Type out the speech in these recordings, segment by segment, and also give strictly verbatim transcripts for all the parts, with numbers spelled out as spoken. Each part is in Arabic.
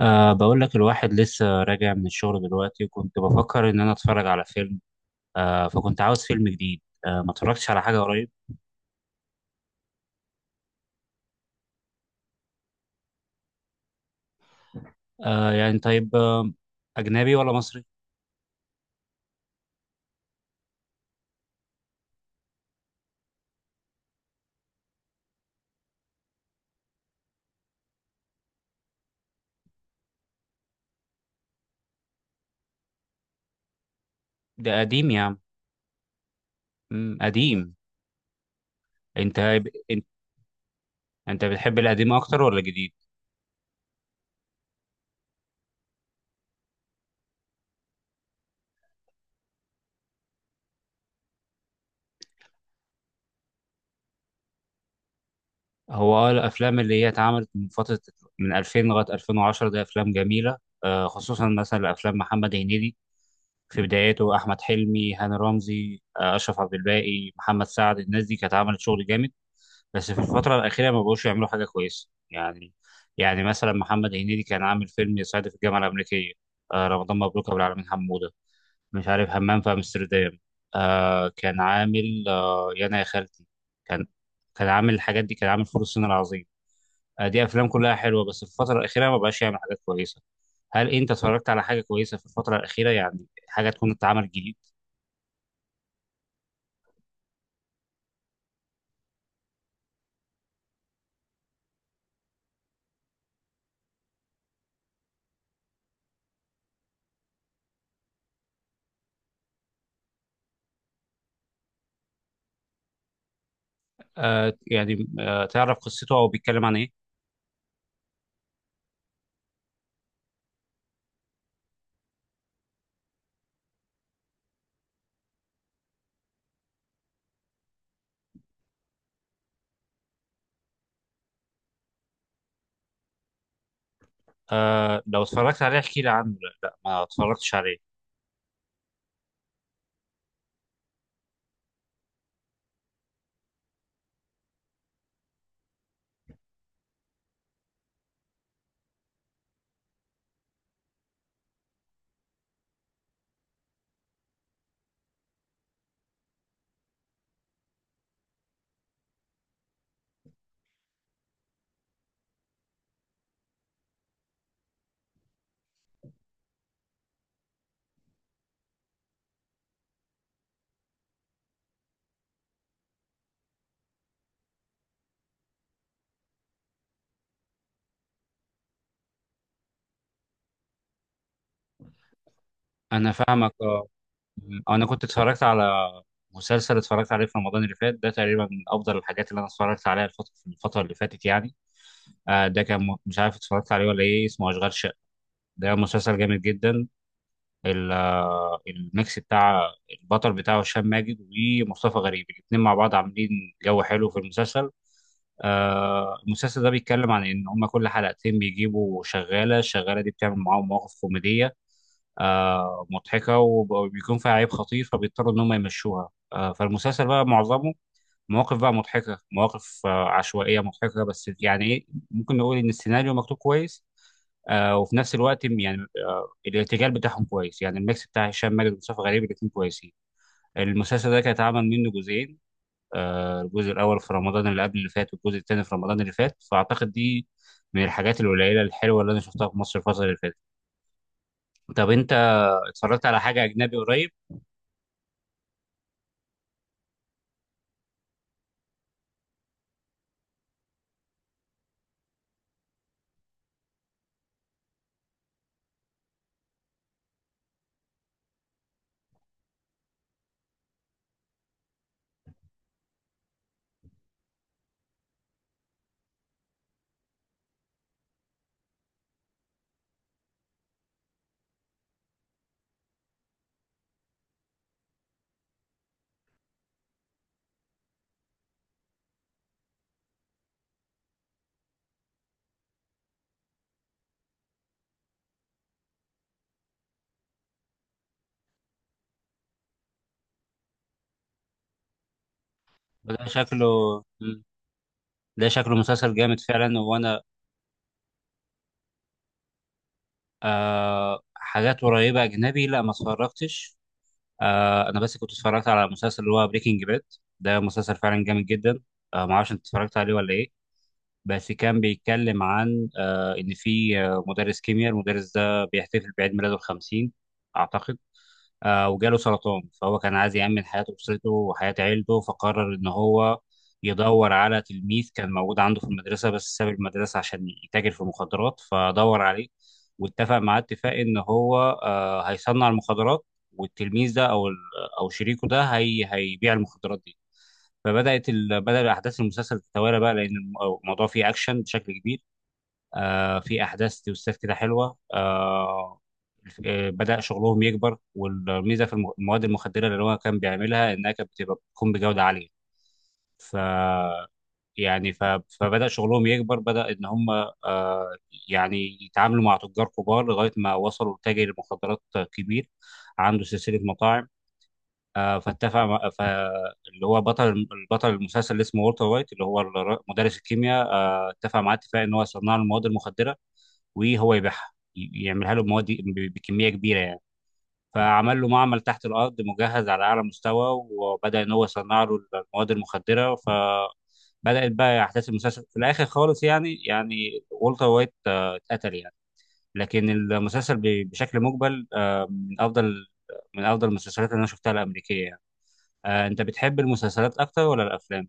أه بقول لك الواحد لسه راجع من الشغل دلوقتي، وكنت بفكر إن أنا أتفرج على فيلم. أه فكنت عاوز فيلم جديد. أه ما اتفرجتش على حاجة قريب. أه يعني طيب. أه أجنبي ولا مصري؟ ده قديم يا عم. مم، قديم. أنت أنت أنت بتحب القديم أكتر ولا الجديد؟ هو اه الأفلام اللي هي اتعملت من فترة، من ألفين لغاية ألفين وعشرة، ده أفلام جميلة. أه خصوصا مثلا أفلام محمد هنيدي في بدايته، أحمد حلمي، هاني رمزي، آه، أشرف عبد الباقي، محمد سعد، الناس دي كانت عملت شغل جامد، بس في الفترة الأخيرة ما بقوش يعملوا حاجة كويسة يعني. يعني مثلا محمد هنيدي كان عامل فيلم يصعد في الجامعة الأمريكية، آه رمضان مبروك أبو العالمين حمودة، مش عارف، همام في أمستردام، آه كان عامل آه يانا يا خالتي، كان كان عامل الحاجات دي، كان عامل فول الصين العظيم. آه دي أفلام كلها حلوة، بس في الفترة الأخيرة ما بقاش يعمل حاجات كويسة. هل أنت اتفرجت على حاجة كويسة في الفترة الأخيرة؟ يعني حاجة تكون اتعملت جديد. آه يعني آه تعرف قصته أو بيتكلم عن إيه؟ آه لو اتفرجت عليه احكي لي عنه. لا لا، ما اتفرجتش عليه. انا فاهمك اه. انا كنت اتفرجت على مسلسل، اتفرجت عليه في رمضان اللي فات، ده تقريبا من افضل الحاجات اللي انا اتفرجت عليها الفتره في الفتره اللي فاتت يعني. آه ده كان م- مش عارف اتفرجت عليه ولا ايه، اسمه اشغال شقه. ده مسلسل جامد جدا. ال- آه، الميكس بتاع البطل بتاعه هشام ماجد ومصطفى غريب، الاتنين مع بعض عاملين جو حلو في المسلسل. آه، المسلسل ده بيتكلم عن ان هم كل حلقتين بيجيبوا شغاله، الشغاله دي بتعمل معاهم مواقف كوميديه آه، مضحكه، وب- وبيكون فيها عيب خطير فبيضطروا ان هم يمشوها. آه، فالمسلسل بقى معظمه مواقف بقى مضحكة، مواقف آه، عشوائية مضحكة، بس يعني ايه، ممكن نقول ان السيناريو مكتوب كويس. آه وفي نفس الوقت يعني آه الارتجال بتاعهم كويس، يعني الميكس بتاع هشام ماجد ومصطفى غريب الاثنين كويسين. المسلسل ده كان اتعمل منه جزئين، آه الجزء الاول في رمضان اللي قبل اللي فات، والجزء الثاني في رمضان اللي فات، فاعتقد دي من الحاجات القليلة الحلوة اللي انا شفتها في مصر الفترة اللي فاتت. طب انت اتفرجت على حاجة اجنبي قريب؟ ده شكله، ده شكله مسلسل جامد فعلا، وانا آه حاجات قريبة أجنبي لا ما اتفرجتش. آه أنا بس كنت اتفرجت على مسلسل اللي هو بريكنج باد. ده مسلسل فعلا جامد جدا. آه ما أعرفش أنت اتفرجت عليه ولا إيه. بس كان بيتكلم عن آه إن في آه، مدرس كيمياء، المدرس ده بيحتفل بعيد ميلاده الخمسين أعتقد. آه، وجاله سرطان، فهو كان عايز يأمن حياة أسرته وحياة عيلته، فقرر إن هو يدور على تلميذ كان موجود عنده في المدرسة بس ساب المدرسة عشان يتاجر في المخدرات، فدور عليه واتفق معاه اتفاق إن هو آه، هيصنع المخدرات، والتلميذ ده أو ال- أو شريكه ده هي هيبيع المخدرات دي. فبدأت ال... بدأ أحداث المسلسل تتوالى بقى، لأن الم- الموضوع فيه أكشن بشكل كبير. آه في احداث توستات كده حلوه. آه آه، بدأ شغلهم يكبر، والميزه في الم- المواد المخدره اللي هو كان بيعملها انها كانت بتبقى بتكون بجوده عاليه. ف يعني ف... فبدأ شغلهم يكبر، بدأ ان هم آه يعني يتعاملوا مع تجار كبار لغايه ما وصلوا لتاجر مخدرات كبير عنده سلسله مطاعم. آه فاتفق مع... ف... اللي هو بطل البطل المسلسل اللي اسمه والتر وايت، اللي هو الر- مدرس الكيمياء، آه اتفق معاه اتفاق ان هو يصنع له المواد المخدره وهو يبيعها، ي- يعملها له بمواد ب- بكميه كبيره يعني. فعمل له معمل تحت الارض مجهز على اعلى مستوى، وبدا ان هو يصنع له المواد المخدره. فبدات بقى احداث المسلسل في الاخر خالص يعني، يعني والتر وايت آه، اتقتل يعني. لكن المسلسل ب- بشكل مجمل آه، من افضل من افضل المسلسلات اللي انا شفتها الامريكيه يعني. آه، انت بتحب المسلسلات اكتر ولا الافلام؟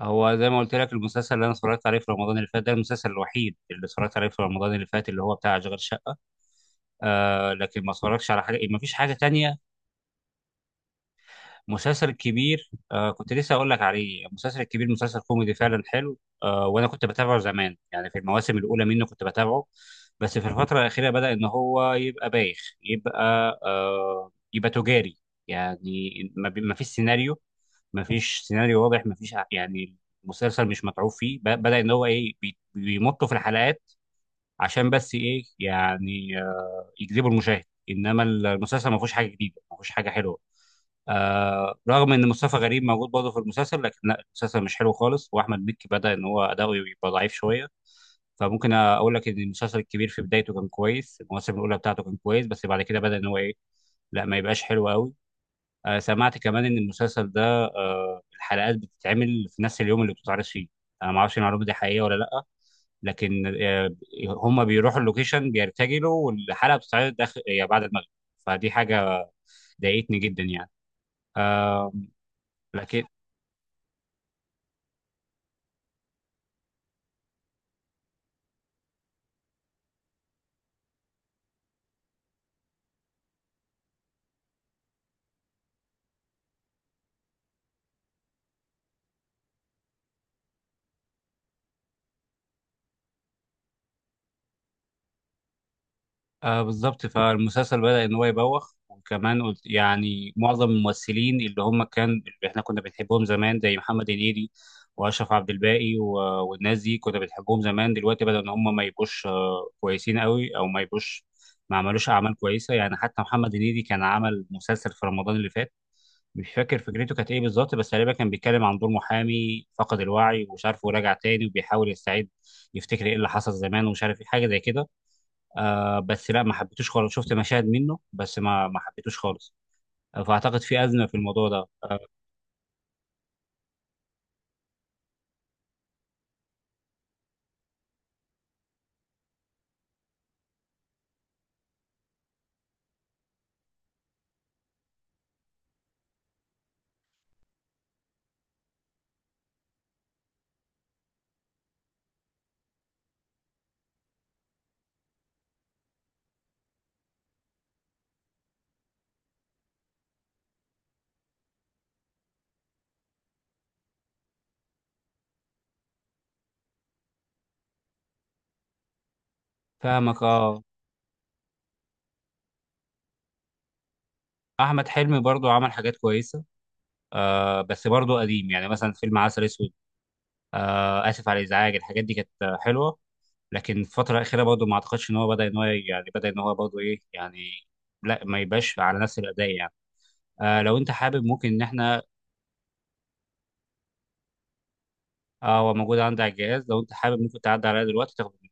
هو زي ما قلت لك، المسلسل اللي انا اتفرجت عليه في رمضان اللي فات ده المسلسل الوحيد اللي اتفرجت عليه في رمضان اللي فات، اللي هو بتاع اشغال شقه. آه لكن ما اتفرجش على حاجه، ما فيش حاجه تانية. مسلسل كبير، آه كنت لسه اقول لك عليه. مسلسل كبير، مسلسل كوميدي فعلا حلو. آه وانا كنت بتابعه زمان يعني، في المواسم الاولى منه كنت بتابعه. بس في الفتره الاخيره بدا ان هو يبقى بايخ، يبقى آه يبقى تجاري يعني. ما, بي- ما فيش سيناريو، ما فيش سيناريو واضح، ما فيش ع- يعني المسلسل مش متعوب فيه، ب- بدا ان هو ايه، بي- بيمطوا في الحلقات عشان بس ايه يعني آه، يجذبوا المشاهد. انما المسلسل ما فيهوش حاجه جديده، ما فيهوش حاجه حلوه. آه رغم ان مصطفى غريب موجود برضه في المسلسل، لكن لا، المسلسل مش حلو خالص، واحمد مكي بدا ان هو اداؤه يبقى ضعيف شويه. فممكن اقول لك ان المسلسل الكبير في بدايته كان كويس، المواسم الاولى بتاعته كان كويس، بس بعد كده بدا ان هو ايه، لا ما يبقاش حلو قوي. آه سمعت كمان ان المسلسل ده آه الحلقات بتتعمل في نفس اليوم اللي بتتعرض فيه. انا ما اعرفش المعلومه دي حقيقيه ولا لا، لكن آه، هم بيروحوا اللوكيشن بيرتجلوا والحلقه بتتعرض داخل يعني بعد المغرب. فدي حاجه ضايقتني جدا يعني. آه لكن آه بالظبط، فالمسلسل بدأ ان هو يبوخ. وكمان قلت يعني معظم الممثلين اللي هم كان اللي احنا كنا بنحبهم زمان، زي محمد هنيدي واشرف عبد الباقي و- والناس دي كنا بنحبهم زمان، دلوقتي بدأ ان هم ما يبقوش آه، كويسين قوي، او ما يبقوش، ما عملوش اعمال كويسه يعني. حتى محمد هنيدي كان عمل مسلسل في رمضان اللي فات، مش فاكر فكرته كانت ايه بالظبط، بس غالبا كان بيتكلم عن دور محامي فقد الوعي ومش عارف وراجع تاني وبيحاول يستعيد يفتكر ايه اللي حصل زمان، ومش عارف ايه حاجه زي كده. آه بس لا ما حبيتوش خالص، شفت مشاهد منه بس ما ما حبيتوش خالص. آه، فاعتقد في ازمه في الموضوع ده. فاهمك اه. احمد حلمي برضو عمل حاجات كويسه، آه بس برضو قديم يعني، مثلا فيلم عسل اسود، آه اسف على الازعاج. الحاجات دي كانت آه، حلوه، لكن الفتره الاخيره برضو ما اعتقدش ان هو بدا ان هو يعني بدا ان هو برضو ايه يعني، لا ما يبقاش على نفس الاداء يعني. آه لو انت حابب ممكن ان احنا آه هو موجود عندي على الجهاز، لو انت حابب ممكن تعدي عليا دلوقتي تاخد.